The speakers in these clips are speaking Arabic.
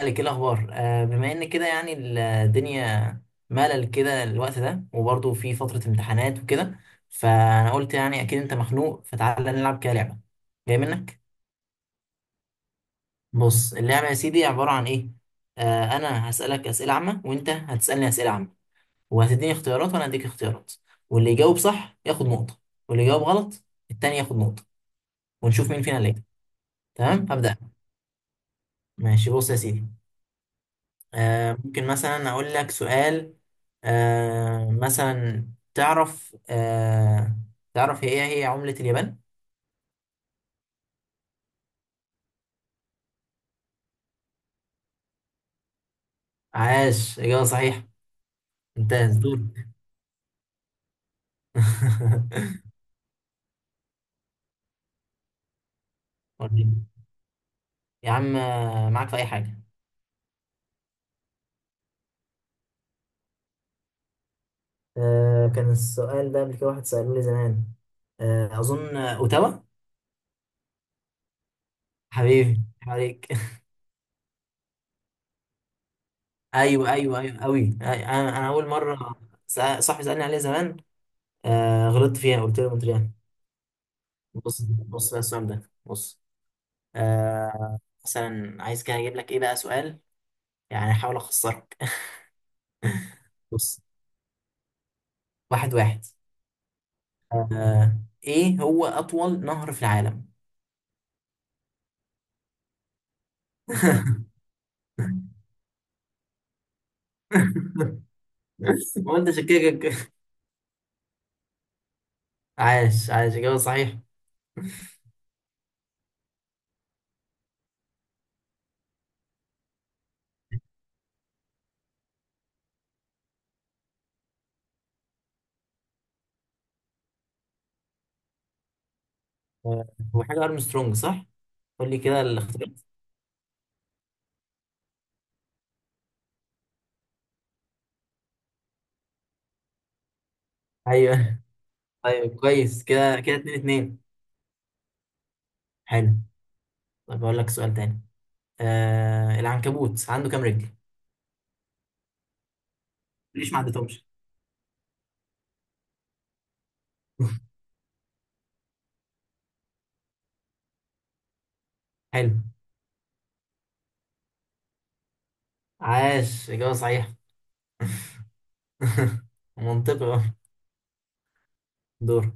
مالك ايه الاخبار، بما ان كده يعني الدنيا ملل كده الوقت ده، وبرضه في فترة امتحانات وكده، فانا قلت يعني اكيد انت مخنوق، فتعالى نلعب كده لعبة جاي منك. بص اللعبة يا سيدي عبارة عن ايه. انا هسألك اسئلة عامة، وانت هتسألني اسئلة عامة، وهتديني اختيارات وانا هديك اختيارات، واللي يجاوب صح ياخد نقطة، واللي يجاوب غلط التاني ياخد نقطة، ونشوف مين فينا اللي يكسب. تمام هبدأ. ماشي بص يا سيدي. ممكن مثلا أقول لك سؤال. مثلا تعرف آه، تعرف هي عملة اليابان؟ عاش، إجابة صحيحة. انتهز دور. وريني. يا عم، معاك في أي حاجة. كان السؤال ده قبل كده، واحد سأله لي زمان. أظن أوتاوا. حبيبي عليك. أيوه، أيوه، أيوه، أوي. أنا أول مرة صاحبي سألني عليه زمان. غلطت فيها قلت له مونتريال. بص بص بقى السؤال ده. بص، آه مثلا عايز كده اجيب لك ايه بقى سؤال، يعني احاول اخسرك. بص. واحد واحد. ايه هو اطول نهر في العالم؟ هو انت شكلك. عاش، عاش، اجابه صحيح. آه، هو حاجه ارمسترونج، صح؟ قول لي كده الاختيار. ايوه. طيب، كويس كده. كده اتنين اتنين. حلو. طيب اقول لك سؤال تاني. العنكبوت عنده كام رجل؟ ليش ما عدتهمش. حلو. عاش، اجابه صحيحه. منطقي، اه. دور.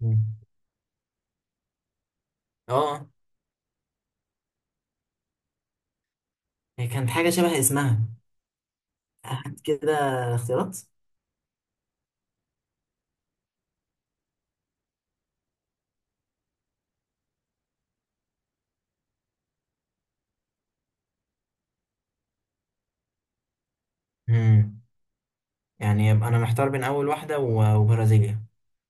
مم. اه. هي كانت حاجة شبه اسمها. هات كده اختيارات. مم. يعني يبقى أنا محتار بين أول واحدة وبرازيليا،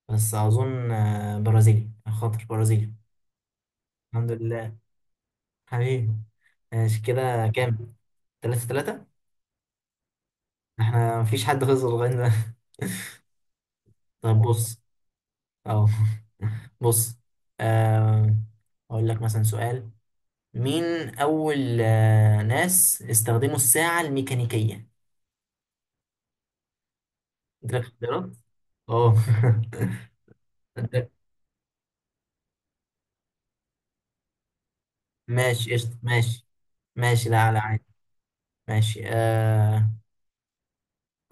بس أظن برازيليا، خاطر برازيليا. الحمد لله. حبيبي. ماشي، كده كام؟ تلاتة تلاتة؟ احنا مفيش حد خسر لغاية دلوقتي. طب بص. اه. بص. آه، أقول لك مثلا سؤال. مين أول ناس استخدموا الساعة الميكانيكية؟ أديلك اختيارات؟ أه. أديلك- ماشي قشطة. ماشي ماشي، لا لا عادي. ماشي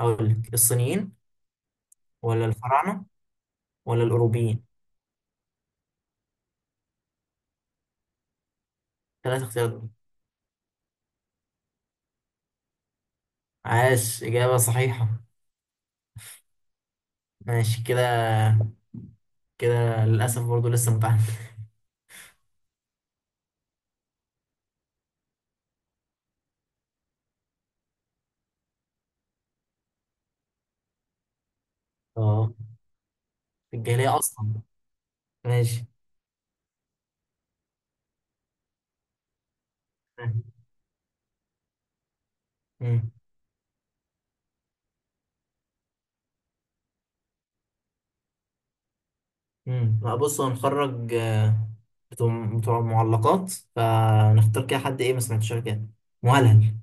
أقول لك الصينيين، ولا الفراعنة، ولا الأوروبيين؟ ثلاث اختيارات دول. عاش، إجابة صحيحة. ماشي كده. كده للأسف برضو لسه متعلم. أه. الجاهلية أصلا. ماشي. امم، لا بص هنخرج بتوع معلقات، فنختار كده حد ايه ما سمعتش قبل كده. مهلهل.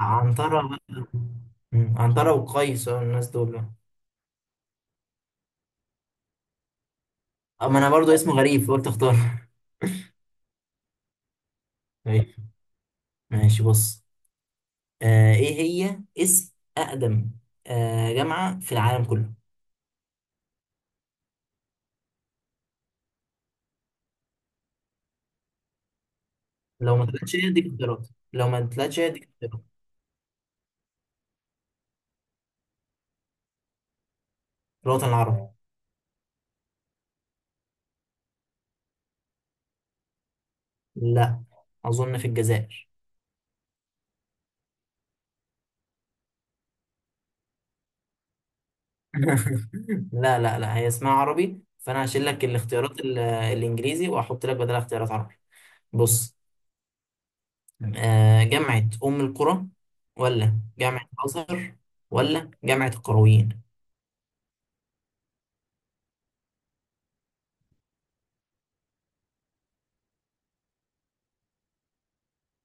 عنترة بقى. مم، عنترة وقيس الناس دول بقى. اما انا برضو اسمه غريب فقلت اختار. ماشي. ماشي، بص. ايه هي اسم اقدم جامعة في العالم كله؟ لو ما طلعتش هي اديك اختيارات. لو ما طلعتش هي اديك اختيارات. في الوطن العربي. لا، اظن في الجزائر. لا، هي اسمها عربي، فانا هشيل لك الاختيارات الانجليزي واحط لك بدلها اختيارات عربي. بص. جامعة ام القرى، ولا جامعة الازهر، ولا جامعة القرويين؟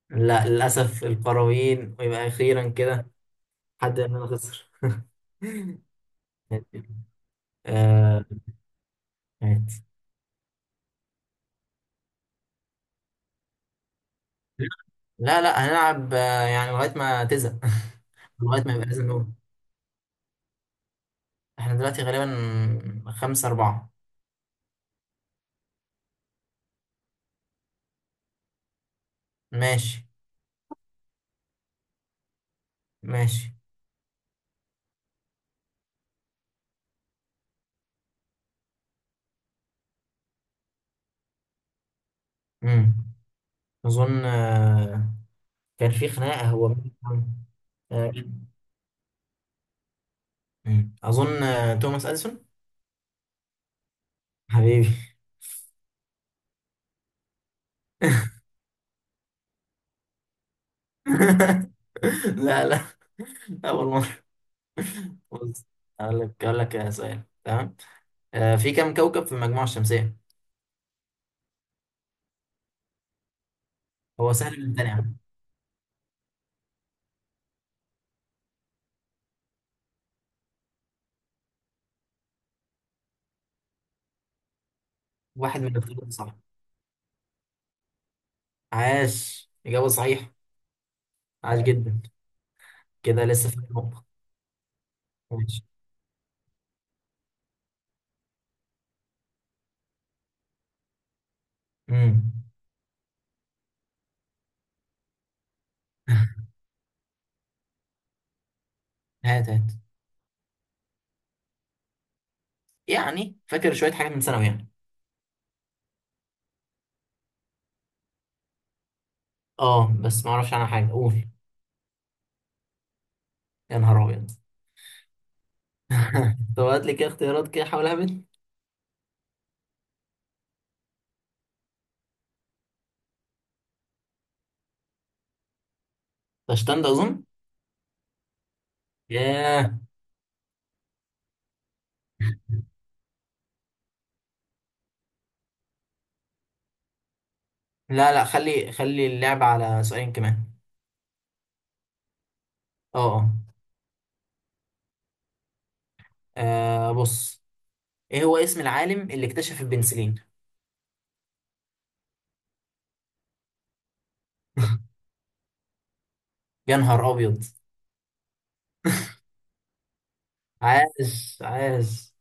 لا للاسف القرويين، ويبقى اخيرا كده حد مننا خسر. آه، مات. لا لا، هنلعب يعني لغاية ما تزهق. لغاية ما يبقى لازم نقول. احنا دلوقتي غالبا خمسة أربعة. ماشي. ماشي، مم. أظن كان في خناقة، هو مين آه، أظن توماس أديسون. حبيبي. لا لا، أول مرة. بص. أقول لك سؤال تمام. في كم كوكب في المجموعة الشمسية؟ هو سهل من الثاني، عم. واحد من الاختيارات صح. عاش، إجابة صحيحة. عاش جدا. كده لسه في نقطة. ماشي. مم. هات هات. يعني فاكر شوية حاجات من ثانوي يعني. اه، بس ما اعرفش عنها حاجة، قول. يا نهار أبيض. طب هات لي كده اختيارات، كده حاول اهبد. ده اشتند اظن. ياه. لا لا، خلي اللعب على سؤالين كمان. اه، اه. بص. ايه هو اسم العالم اللي اكتشف البنسلين؟ يا نهار ابيض. عاش، عاش.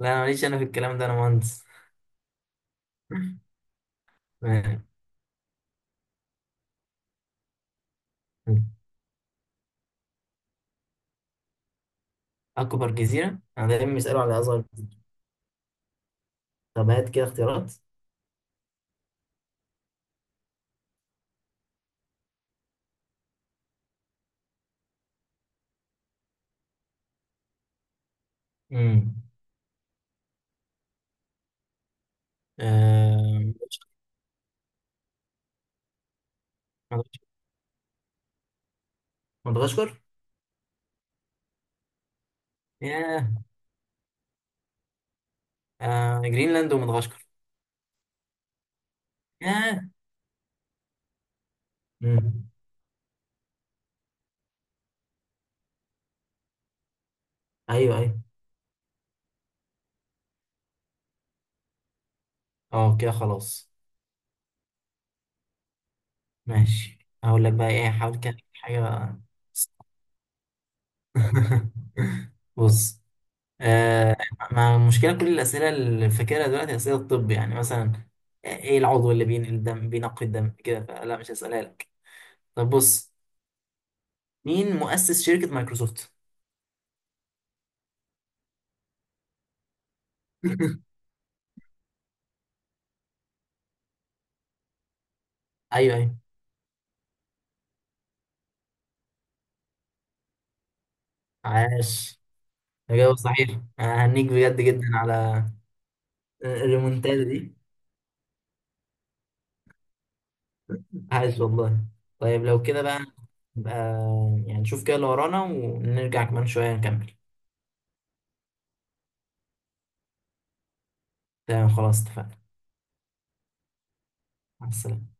لا، انا ماليش انا في الكلام ده، انا مهندس. تمام. اكبر جزيره، انا دايما بيسالوا على اصغر جزيره. طب هات كده اختيارات. امم. آه، مدغشقر. مدغشقر. ياه. جرينلاند ومدغشقر. ياه، ايوه ايوه. اه كده خلاص. ماشي. هقول لك بقى ايه، حاول كده حاجه. بص. آه ما المشكله، كل الاسئله اللي فاكرها دلوقتي اسئله الطب، يعني مثلا ايه العضو اللي بينقل الدم، بينقي الدم كده، فلا مش هسالها لك. طب بص. مين مؤسس شركه مايكروسوفت؟ ايوه، ايوه. عاش، اجابه صحيح. أنا هنيك بجد جدا على الريمونتادا دي. عاش والله. طيب لو كده بقى، نبقى يعني نشوف كده اللي ورانا، ونرجع كمان شوية نكمل. تمام خلاص، اتفقنا. مع السلامة.